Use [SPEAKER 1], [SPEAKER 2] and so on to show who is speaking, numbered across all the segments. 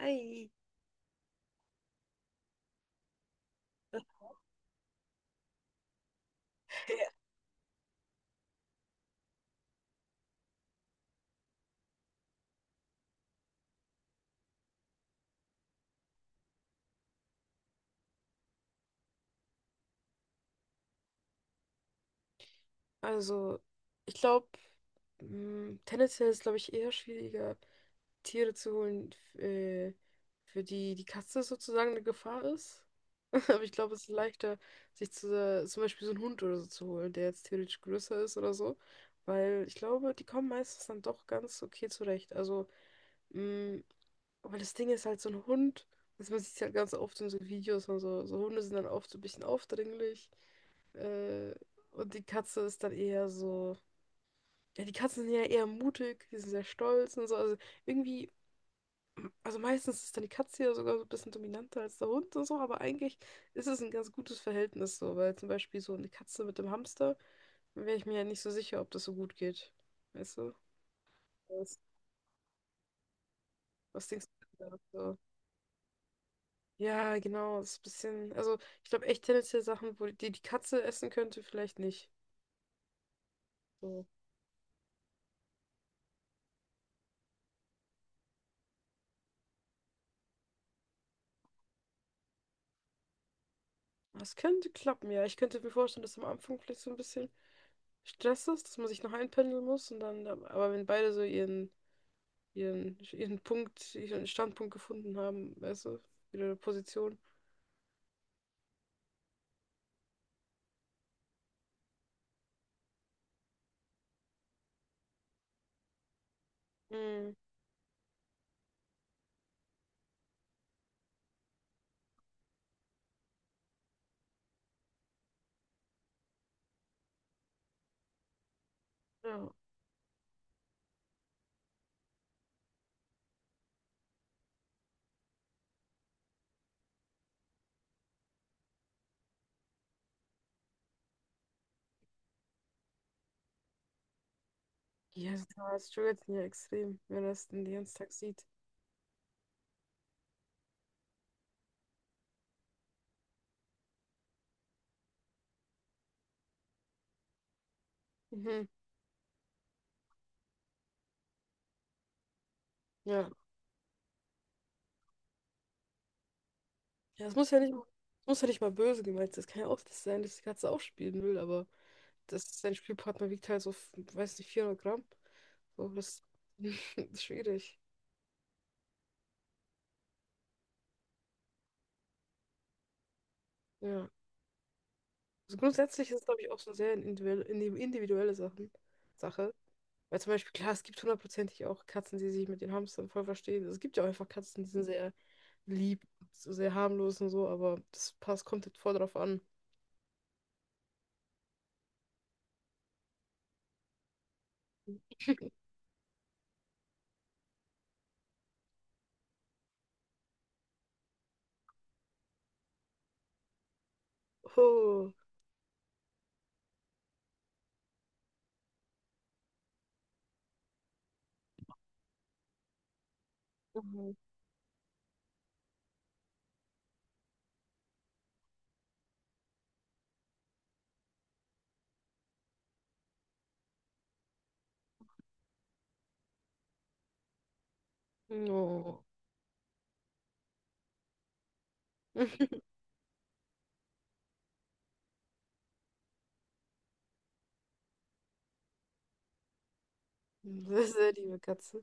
[SPEAKER 1] Ei. Also, ich glaube, tendenziell ist, glaube ich, eher schwieriger, Tiere zu holen, für die die Katze sozusagen eine Gefahr ist. Aber ich glaube, es ist leichter, zum Beispiel so einen Hund oder so zu holen, der jetzt theoretisch größer ist oder so. Weil ich glaube, die kommen meistens dann doch ganz okay zurecht. Also, mh, weil das Ding ist halt so ein Hund, also man sieht es halt ganz oft in so Videos und so, so Hunde sind dann oft so ein bisschen aufdringlich. Äh, und die Katze ist dann eher so. Ja, die Katzen sind ja eher mutig, die sind sehr stolz und so. Also irgendwie, also meistens ist dann die Katze ja sogar so ein bisschen dominanter als der Hund und so, aber eigentlich ist es ein ganz gutes Verhältnis so, weil zum Beispiel so eine Katze mit dem Hamster, wäre ich mir ja nicht so sicher, ob das so gut geht. Weißt du? Was, was denkst du da so? Ja, genau, das ist ein bisschen. Also ich glaube echt tendenziell Sachen, wo die, die Katze essen könnte, vielleicht nicht. So. Das könnte klappen, ja. Ich könnte mir vorstellen, dass am Anfang vielleicht so ein bisschen Stress ist, dass man sich noch einpendeln muss und dann, aber wenn beide so ihren Punkt, ihren Standpunkt gefunden haben, weißt du, ihre Position. Mhm. Ja. Ja, also da struggelt ja extrem, wenn er es den ganzen Tag sieht. Mhm. Ja. Ja, es muss ja nicht mal böse gemeint sein. Es kann ja auch das sein, dass die Katze auch spielen will, aber sein Spielpartner wiegt halt so, weiß nicht, 400 Gramm. So, das ist schwierig. Ja. Also grundsätzlich ist es, glaube ich, auch so eine sehr individuelle, individuelle Sache. Weil zum Beispiel, klar, es gibt hundertprozentig auch Katzen, die sich mit den Hamstern voll verstehen. Also es gibt ja auch einfach Katzen, die sind sehr lieb, so sehr harmlos und so, aber das passt, kommt jetzt voll drauf an. Oh. Mhm. Oh. Sehr, sehr liebe Katze.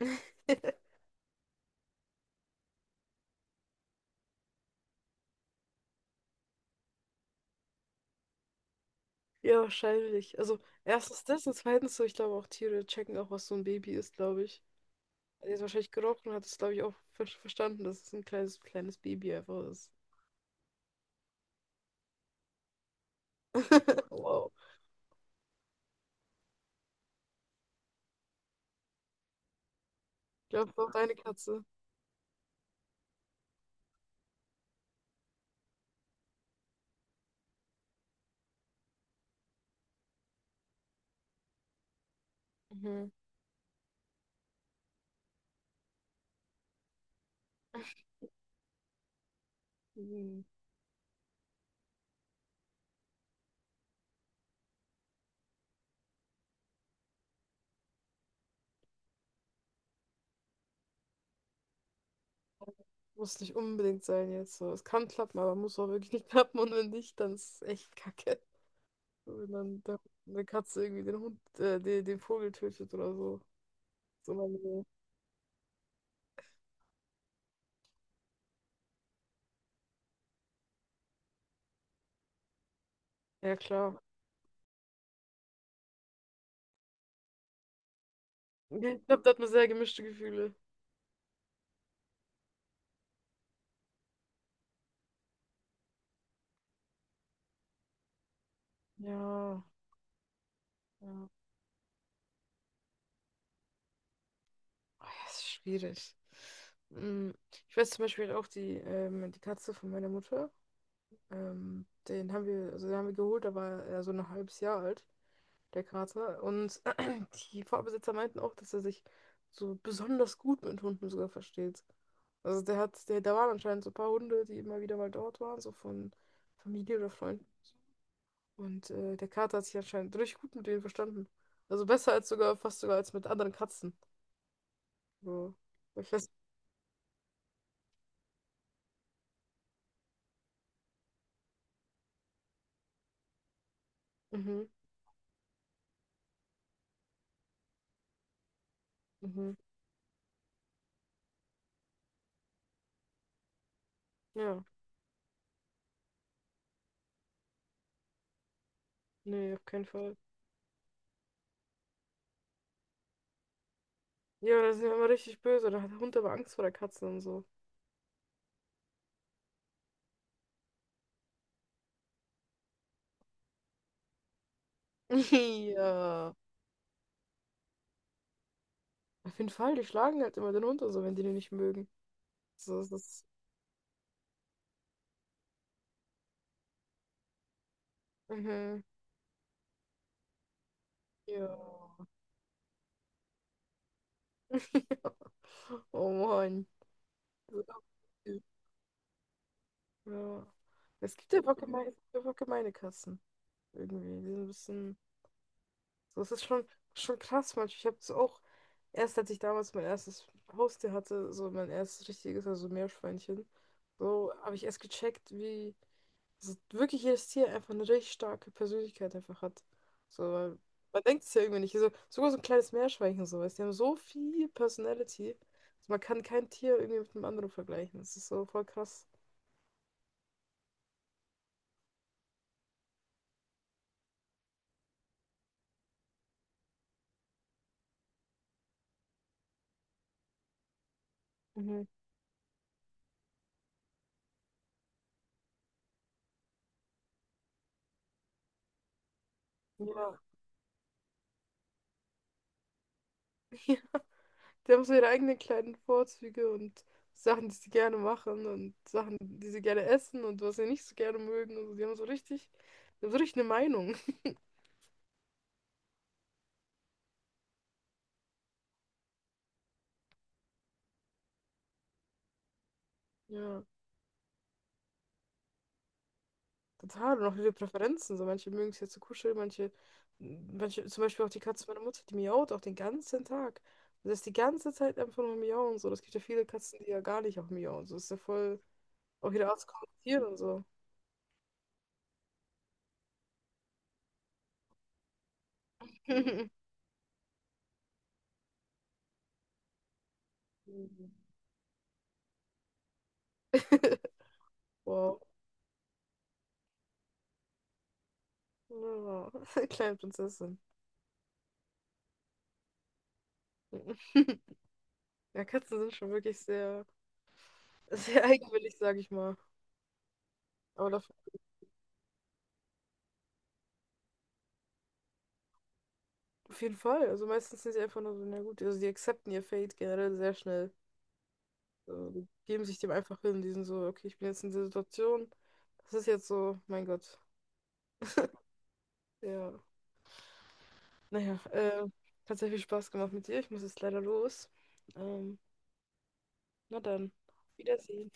[SPEAKER 1] Ja, wahrscheinlich. Also erstens das und zweitens so, ich glaube auch Tiere checken auch, was so ein Baby ist, glaube ich. Er hat jetzt wahrscheinlich gerochen und hat es, glaube ich, auch verstanden, dass es ein kleines, kleines Baby einfach ist. Wow. Ich glaube, auch deine Katze. Mhm. Hm, Muss nicht unbedingt sein jetzt. So, es kann klappen, aber muss auch wirklich nicht klappen. Und wenn nicht, dann ist es echt kacke. So, wenn dann eine Katze irgendwie den Hund, den Vogel tötet oder so. So, ja, klar. Ich glaube, da hat man sehr gemischte Gefühle. Ja, ja. Oh, ja, es ist schwierig. Hm, Ich weiß zum Beispiel auch die Katze von meiner Mutter. Also den haben wir geholt, da war er so ein halbes Jahr alt, der Kater. Und die Vorbesitzer meinten auch, dass er sich so besonders gut mit Hunden sogar versteht. Also da waren anscheinend so ein paar Hunde, die immer wieder mal dort waren, so von Familie oder Freunden. Und der Kater hat sich anscheinend richtig gut mit denen verstanden. Also besser als sogar, fast sogar als mit anderen Katzen. So, ich weiß. Mhm, mhm. Ja, nee, auf keinen Fall. Ja, da sind wir immer richtig böse. Da hat der Hund aber Angst vor der Katze und so. Ja. Auf jeden Fall, die schlagen halt immer den Hund und so, wenn die den nicht mögen. So ist es. Mhm. Ja. Oh Mann. So viel. Ja. Es gibt einfach gemeine Kassen. Irgendwie. Die sind ein bisschen. So, es ist schon krass manchmal. Ich habe es auch. Erst als ich damals mein erstes Haustier hatte, so mein erstes richtiges, also Meerschweinchen, so habe ich erst gecheckt, wie. Also wirklich jedes Tier einfach eine richtig starke Persönlichkeit einfach hat. So, weil man denkt es ja irgendwie nicht. Also, sogar so ein kleines Meerschweinchen so, weißt du, die haben so viel Personality. Also man kann kein Tier irgendwie mit einem anderen vergleichen. Das ist so voll krass. Mhm. Ja. Ja. Die haben so ihre eigenen kleinen Vorzüge und Sachen, die sie gerne machen und Sachen, die sie gerne essen und was sie nicht so gerne mögen. Also die haben so richtig eine Meinung. Ja. Total, und auch viele Präferenzen. So, manche mögen es ja zu kuscheln, zum Beispiel auch die Katze meiner Mutter, die miaut auch den ganzen Tag. Und das ist die ganze Zeit einfach nur miauen. So, das gibt ja viele Katzen, die ja gar nicht auch miauen. So, das ist ja voll, auch jeder Arzt kommentiert und so. Mhm. Wow. Ja, kleine Prinzessin. Ja, Katzen sind schon wirklich sehr, sehr eigenwillig, sage ich mal. Aber dafür, auf jeden Fall. Also meistens sind sie einfach nur so, na gut, also die akzeptieren ihr Fate generell sehr schnell. So, geben sich dem einfach hin. Die sind so, okay, ich bin jetzt in der Situation. Das ist jetzt so, mein Gott. Ja. Naja, hat sehr viel Spaß gemacht mit dir. Ich muss jetzt leider los. Ähm, na dann, auf Wiedersehen.